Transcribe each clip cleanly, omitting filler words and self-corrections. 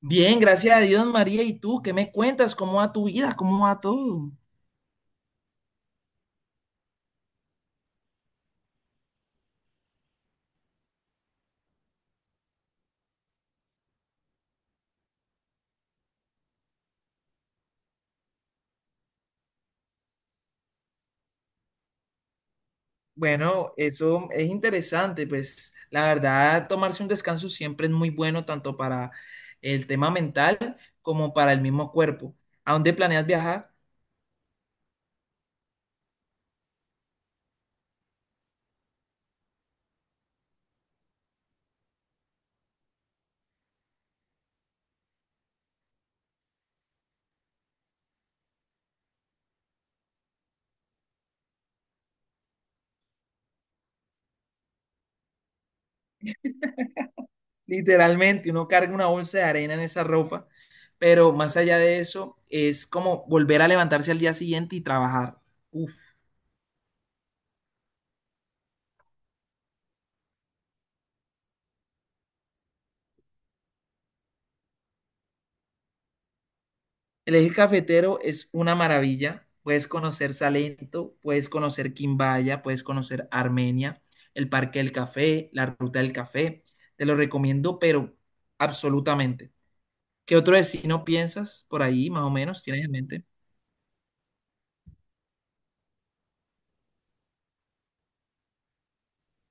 Bien, gracias a Dios, María. ¿Y tú qué me cuentas? ¿Cómo va tu vida? ¿Cómo va todo? Bueno, eso es interesante, pues la verdad, tomarse un descanso siempre es muy bueno tanto para el tema mental como para el mismo cuerpo. ¿A dónde planeas viajar? Literalmente, uno carga una bolsa de arena en esa ropa, pero más allá de eso, es como volver a levantarse al día siguiente y trabajar. Uf. El eje cafetero es una maravilla. Puedes conocer Salento, puedes conocer Quimbaya, puedes conocer Armenia, el Parque del Café, la Ruta del Café. Te lo recomiendo, pero absolutamente. ¿Qué otro destino piensas por ahí, más o menos, tienes en mente?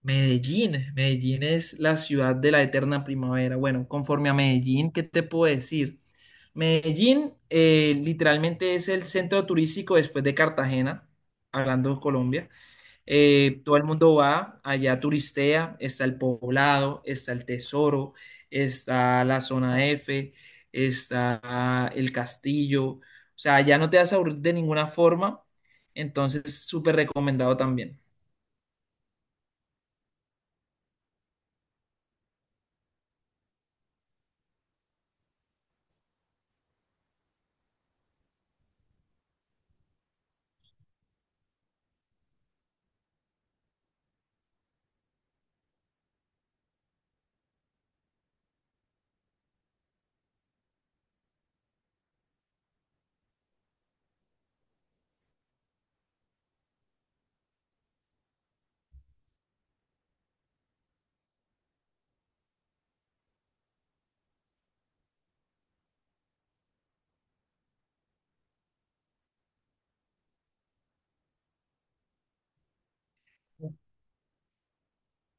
Medellín. Medellín es la ciudad de la eterna primavera. Bueno, conforme a Medellín, ¿qué te puedo decir? Medellín literalmente es el centro turístico después de Cartagena, hablando de Colombia. Todo el mundo va allá, turistea, está el poblado, está el tesoro, está la zona F, está el castillo. O sea, ya no te vas a aburrir de ninguna forma. Entonces, súper recomendado también.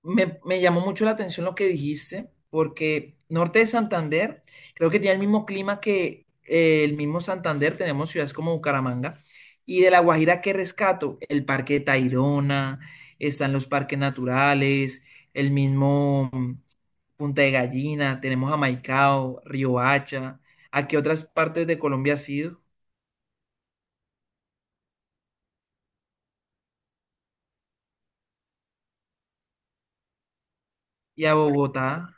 Me llamó mucho la atención lo que dijiste, porque Norte de Santander creo que tiene el mismo clima que el mismo Santander, tenemos ciudades como Bucaramanga, y de La Guajira que rescato, el Parque de Tayrona, están los parques naturales, el mismo Punta de Gallina, tenemos a Maicao, Riohacha, ¿a qué otras partes de Colombia has ido? Y a Bogotá,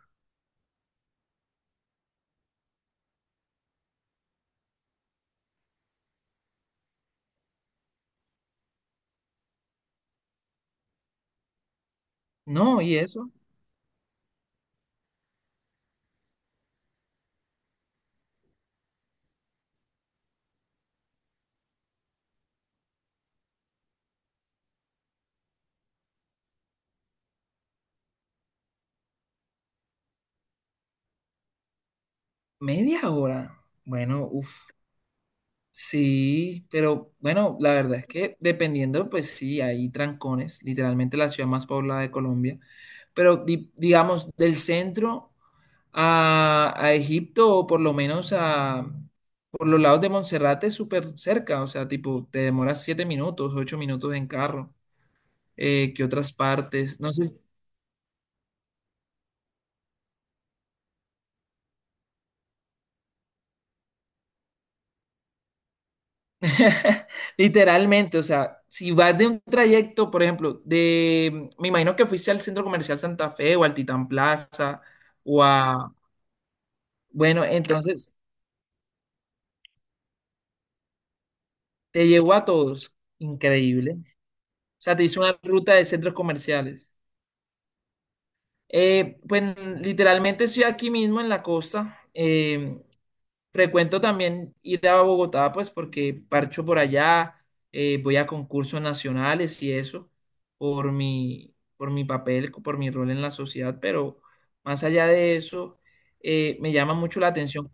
no, y eso, media hora, bueno, uff. Sí, pero bueno, la verdad es que dependiendo, pues sí, hay trancones, literalmente la ciudad más poblada de Colombia, pero digamos del centro a Egipto o por lo menos a por los lados de Monserrate es súper cerca, o sea, tipo te demoras siete minutos, ocho minutos en carro, que otras partes, no sé. Literalmente, o sea, si vas de un trayecto, por ejemplo, de, me imagino que fuiste al Centro Comercial Santa Fe o al Titán Plaza o a, bueno, entonces te llevó a todos, increíble. O sea, te hizo una ruta de centros comerciales. Pues literalmente estoy aquí mismo en la costa. Frecuento también ir a Bogotá, pues porque parcho por allá, voy a concursos nacionales y eso, por mi papel, por mi rol en la sociedad, pero más allá de eso, me llama mucho la atención.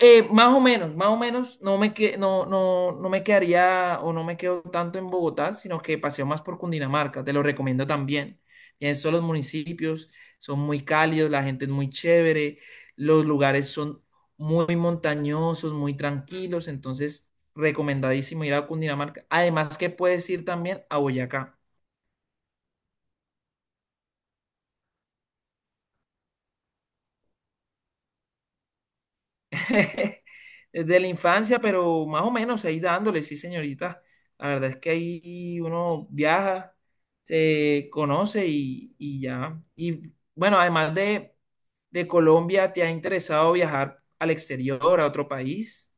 Más o menos, más o menos, no me, que, no, no, no me quedaría o no me quedo tanto en Bogotá, sino que paseo más por Cundinamarca, te lo recomiendo también. Ya en son los municipios, son muy cálidos, la gente es muy chévere, los lugares son muy montañosos, muy tranquilos, entonces recomendadísimo ir a Cundinamarca. Además que puedes ir también a Boyacá. Desde la infancia, pero más o menos ahí dándole, sí, señorita. La verdad es que ahí uno viaja, se conoce y ya. Y bueno, además de Colombia, ¿te ha interesado viajar al exterior, a otro país?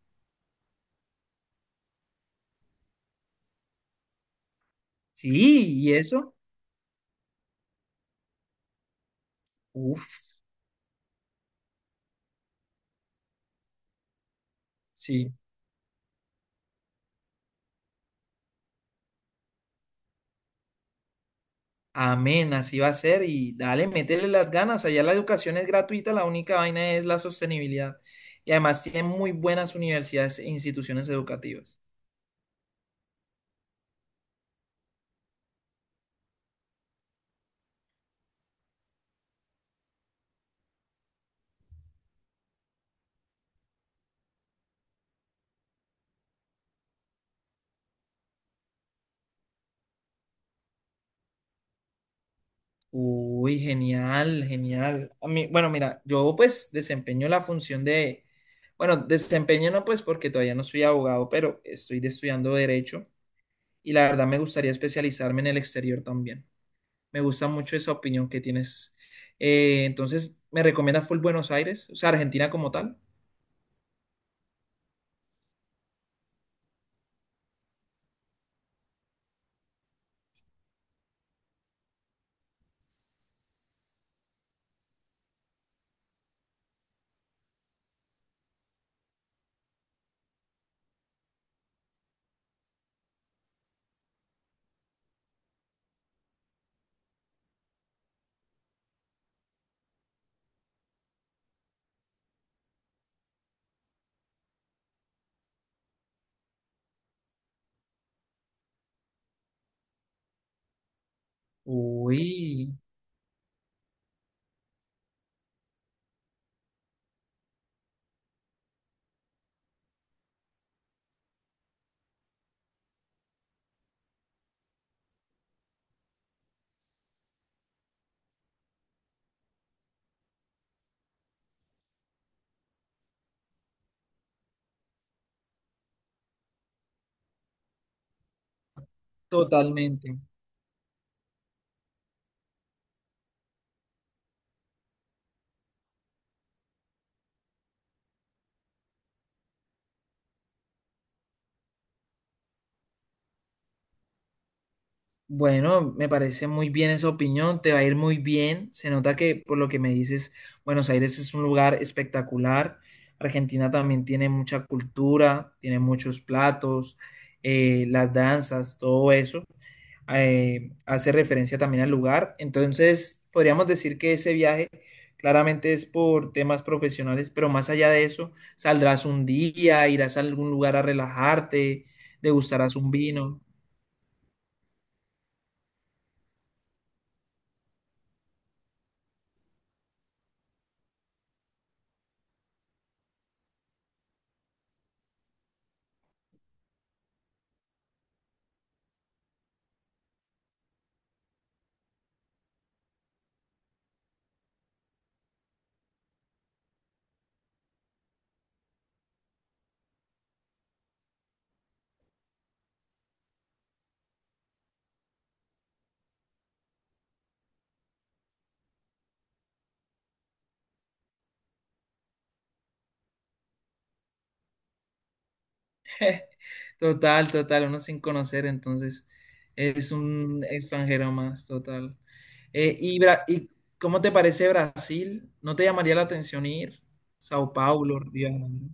Sí, ¿y eso? Uf, sí. Amén, así va a ser. Y dale, métele las ganas. Allá la educación es gratuita, la única vaina es la sostenibilidad. Y además tienen muy buenas universidades e instituciones educativas. Uy, genial, genial. A mí, bueno, mira, yo pues desempeño la función de, bueno, desempeño no pues porque todavía no soy abogado, pero estudiando derecho y la verdad me gustaría especializarme en el exterior también. Me gusta mucho esa opinión que tienes. Entonces, ¿me recomienda full Buenos Aires? O sea, Argentina como tal. Uy, totalmente. Bueno, me parece muy bien esa opinión, te va a ir muy bien. Se nota que por lo que me dices, Buenos Aires es un lugar espectacular. Argentina también tiene mucha cultura, tiene muchos platos, las danzas, todo eso. Hace referencia también al lugar. Entonces, podríamos decir que ese viaje claramente es por temas profesionales, pero más allá de eso, saldrás un día, irás a algún lugar a relajarte, degustarás un vino. Total, total, uno sin conocer, entonces es un extranjero más, total. ¿Y cómo te parece Brasil? ¿No te llamaría la atención ir? Sao Paulo, Río de Janeiro.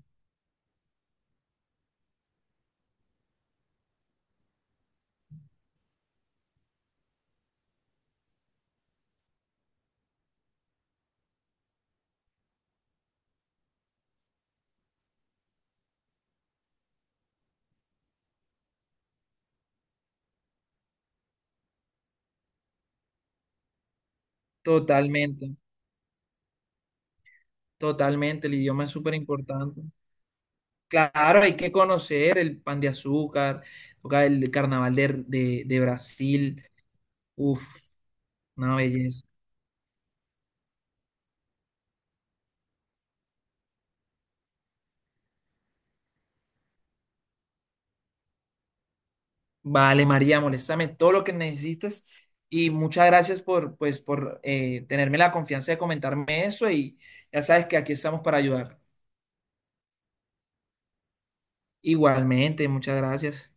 Totalmente, totalmente, el idioma es súper importante. Claro, hay que conocer el pan de azúcar, toca el carnaval de, de Brasil, uf, una belleza. Vale, María, moléstame todo lo que necesites y muchas gracias por, pues, por tenerme la confianza de comentarme eso y ya sabes que aquí estamos para ayudar. Igualmente, muchas gracias.